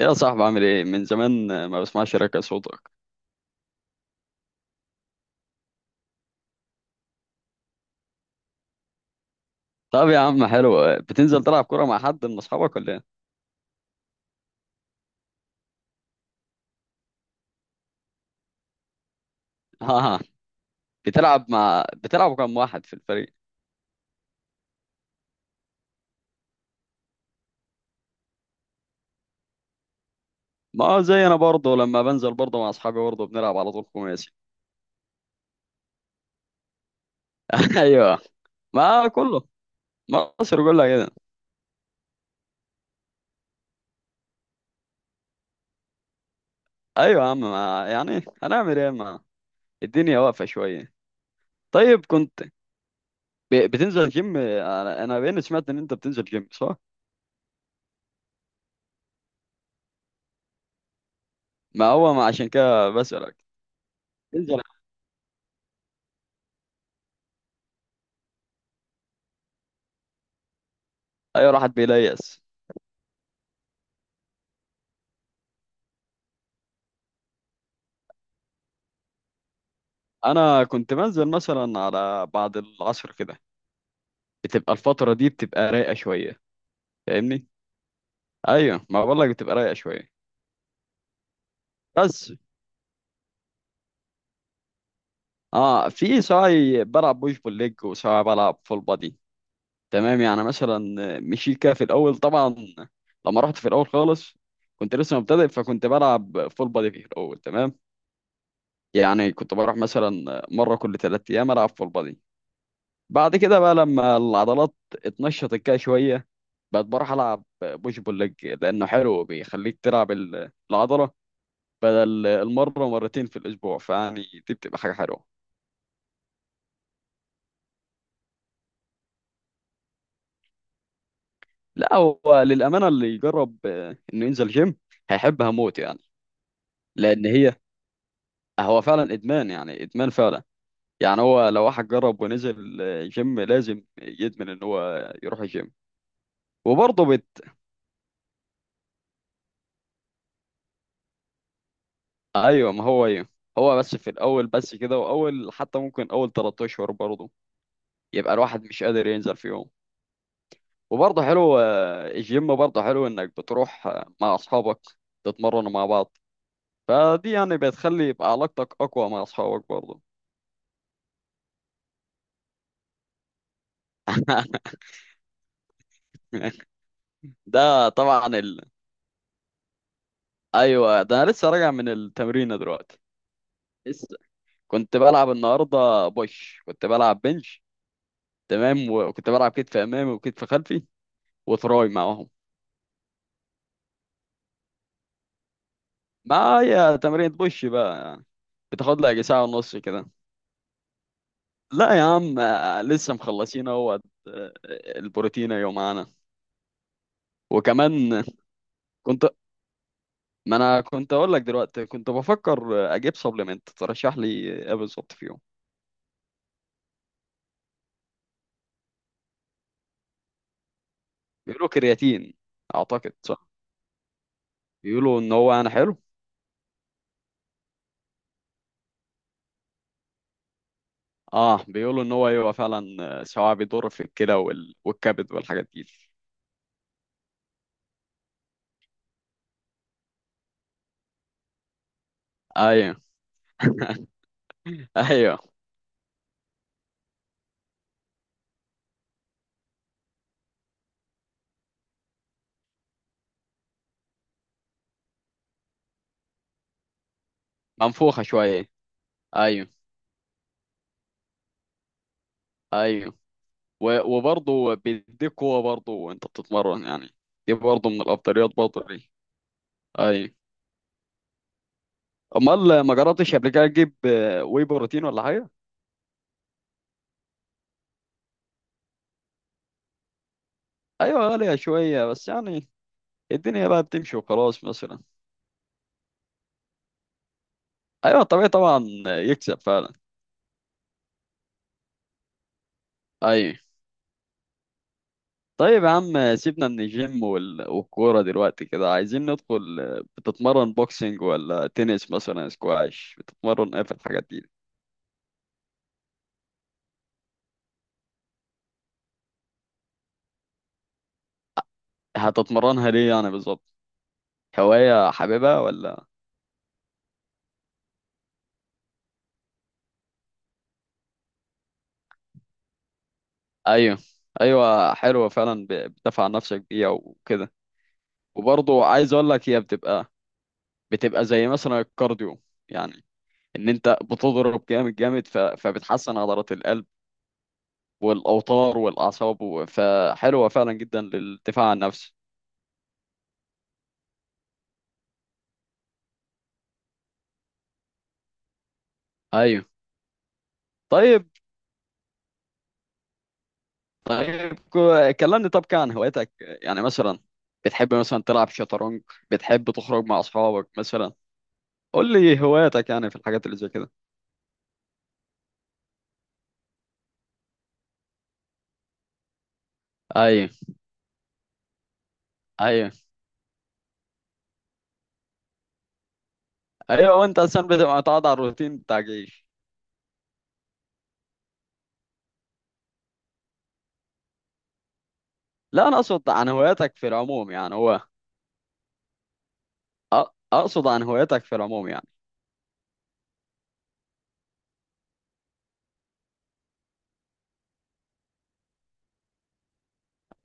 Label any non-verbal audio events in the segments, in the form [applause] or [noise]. يا صاحبي، عامل ايه؟ من زمان ما بسمعش ركع صوتك. طب يا عم، حلو. بتنزل تلعب كرة مع حد من اصحابك ولا ايه؟ [laughs] اه. بتلعب كم واحد في الفريق؟ ما هو زي انا برضه لما بنزل برضه مع اصحابي برضه بنلعب على طول خماسي. [laughs] ايوه، ما كله. مصر كلها كده. ايوه يا عم، ما يعني هنعمل ايه؟ ما الدنيا واقفة شوية. طيب، كنت بتنزل جيم. انا بين سمعت ان انت بتنزل جيم، صح؟ ما هو ما عشان كده بسألك. تنزل. ايوه، راحت بيليس. انا كنت بنزل مثلا على بعد العصر كده. بتبقى الفتره دي بتبقى رايقه شويه. فاهمني؟ ايوه، ما بقول لك بتبقى رايقه شويه. بس، اه، في ساعي بلعب بوش بول ليج وساعي بلعب فول بادي. تمام، يعني مثلا مشيت كده في الاول طبعا. لما رحت في الاول خالص كنت لسه مبتدئ، فكنت بلعب فول بادي في الاول، تمام. يعني كنت بروح مثلا مره كل 3 ايام العب فول بادي. بعد كده بقى لما العضلات اتنشطت كده شويه، بقت بروح العب بوش بول ليج لانه حلو بيخليك تلعب العضله بدل المره مرتين في الاسبوع، فيعني دي بتبقى حاجه حلوه. لا، هو للامانه اللي يجرب انه ينزل جيم، هيحبها موت يعني. لان هي هو فعلا ادمان، يعني ادمان فعلا. يعني هو لو واحد جرب ونزل جيم، لازم يدمن ان هو يروح الجيم. وبرضه ايوه، ما هو ايه. هو بس في الاول بس كده، واول حتى ممكن اول 3 اشهر برضه يبقى الواحد مش قادر ينزل فيهم. وبرضه حلو، الجيم برضه حلو انك بتروح مع اصحابك تتمرنوا مع بعض. فدي يعني بتخلي يبقى علاقتك اقوى مع اصحابك برضه. [laughs] ده طبعا ايوه، ده انا لسه راجع من التمرين دلوقتي. لسه كنت بلعب النهارده بوش، كنت بلعب بنش. تمام، وكنت بلعب كتف امامي وكتف خلفي وتراي معاهم. معايا تمرين بوش بقى يعني، بتاخد لها يجي ساعه ونص كده. لا يا عم، لسه مخلصين اهوت. آه، البروتين يوم. وكمان كنت. ما انا كنت اقول لك دلوقتي كنت بفكر اجيب سبلمنت، ترشح لي ايه بالظبط فيهم؟ بيقولوا كرياتين، اعتقد صح. بيقولوا ان هو انا حلو. اه، بيقولوا ان هو ايوه فعلا. سواء بيضر في الكلى والكبد والحاجات دي. ايوه. [laughs] ايوه، منفوخه شويه. ايوه، ايوه. وبرضه بيديك قوه برضه وانت بتتمرن يعني، دي برضه من الافضليات برضه ليه. ايوه. امال ما جربتش قبل كده تجيب واي بروتين ولا حاجه؟ ايوه، غالية شوية بس يعني الدنيا بقى بتمشي وخلاص مثلا. ايوه، طبيعي طبعا يكسب فعلا. ايوه. طيب يا عم، سيبنا من الجيم والكورة دلوقتي كده، عايزين ندخل. بتتمرن بوكسينج ولا تنس مثلا سكواش، بتتمرن ايه في الحاجات دي؟ هتتمرنها ليه يعني بالظبط؟ هواية حاببها ولا؟ ايوه، ايوه، حلوة فعلا، بتدافع عن نفسك بيها وكده. وبرضه عايز اقول لك هي بتبقى زي مثلا الكارديو، يعني ان انت بتضرب جامد جامد، فبتحسن عضلات القلب والاوتار والاعصاب، فحلوه فعلا جدا للدفاع عن النفسي. ايوه، طيب. طيب، كلمني طب عن هواياتك يعني مثلا. بتحب مثلا تلعب شطرنج؟ بتحب تخرج مع اصحابك مثلا؟ قول لي هواياتك يعني في الحاجات اللي زي كده. ايوه، ايوه، ايوه، وانت اصلا بتبقى متعود على الروتين بتاع الجيش. لا، انا اقصد عن هواياتك في العموم، يعني هو اقصد عن هواياتك في العموم يعني.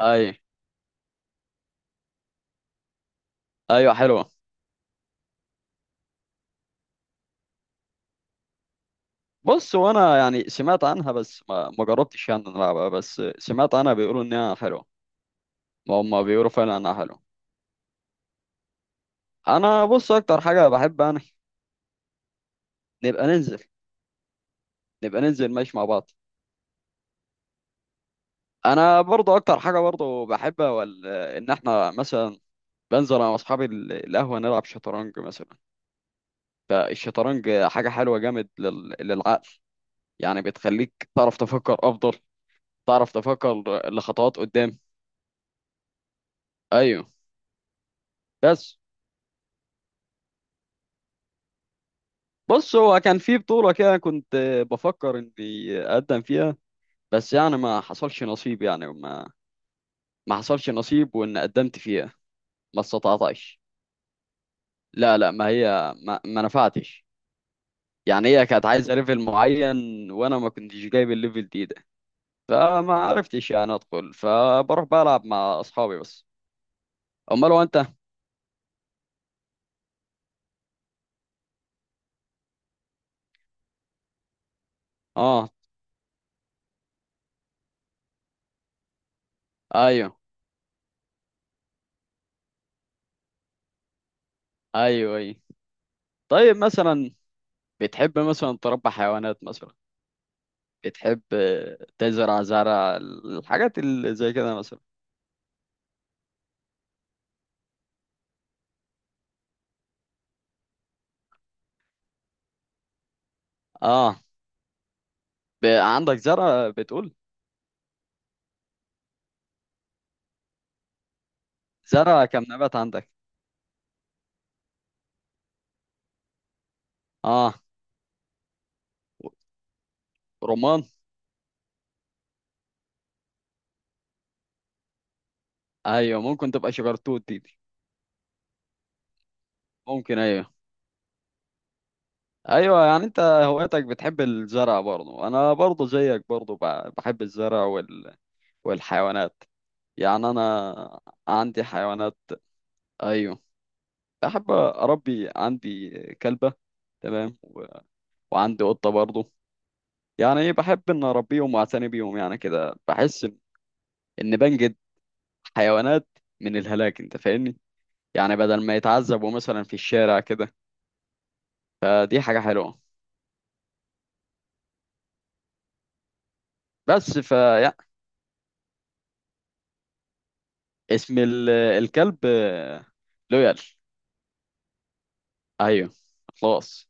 ايوه، ايوه، حلوه. بص، وانا يعني سمعت عنها، بس ما جربتش يعني إن أنا العبها، بس سمعت عنها بيقولوا انها حلوه. ما هم بيقولوا فعلا انها حلوه. انا بص اكتر حاجه بحب انا، نبقى ننزل نبقى ننزل ماشي مع بعض. انا برضو اكتر حاجه برضو بحبها، ان احنا مثلا بنزل انا واصحابي القهوه نلعب شطرنج مثلا. فالشطرنج حاجه حلوه جامد للعقل، يعني بتخليك تعرف تفكر افضل، تعرف تفكر لخطوات قدام. ايوه، بس. بص، هو كان في بطولة كده، كنت بفكر إني أقدم فيها، بس يعني ما حصلش نصيب. يعني ما ما حصلش نصيب، وإن قدمت فيها ما استطعتش. لا لا، ما هي ما نفعتش. يعني هي كانت عايزة ليفل معين، وأنا ما كنتش جايب الليفل دي ده، فما عرفتش يعني أدخل، فبروح بلعب مع أصحابي بس. أمال هو أنت؟ آه، أيوه، أيوه، أيوه. طيب، مثلا بتحب مثلا تربي حيوانات مثلا؟ بتحب تزرع زرع الحاجات اللي زي كده مثلا؟ اه، عندك زرع بتقول؟ زرع كم نبات عندك؟ اه، رمان. ايوه، ممكن تبقى شجرتوت دي. ممكن، ايوه. ايوه، يعني انت هوايتك بتحب الزرع برضه، انا برضه زيك برضه بحب الزرع والحيوانات، يعني انا عندي حيوانات. ايوه، بحب اربي، عندي كلبة، تمام، وعندي قطة برضه، يعني ايه، بحب ان اربيهم واعتني بيهم، يعني كده بحس ان إن بنجد حيوانات من الهلاك، انت فاهمني؟ يعني بدل ما يتعذبوا مثلا في الشارع كده، فدي حاجة حلوة. بس، اسم الكلب لويال. ايوه، خلاص،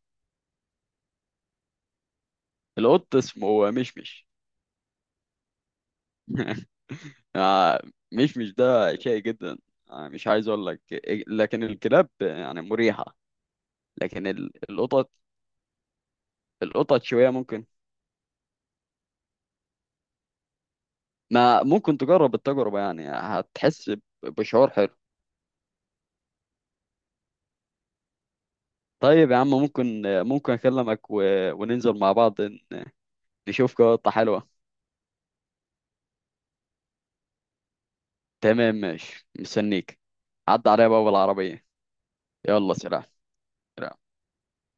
القط اسمه مشمش. [laughs] آه، مشمش ده شيء جدا. مش عايز اقول لك إيه، لكن الكلاب يعني مريحة، لكن القطط القطط شوية ممكن. ما ممكن تجرب التجربة، يعني هتحس بشعور حلو. طيب يا عم، ممكن أكلمك وننزل مع بعض نشوف قطة حلوة. تمام، ماشي، مستنيك. عدى عليا بقى بالعربية. يلا، سلام.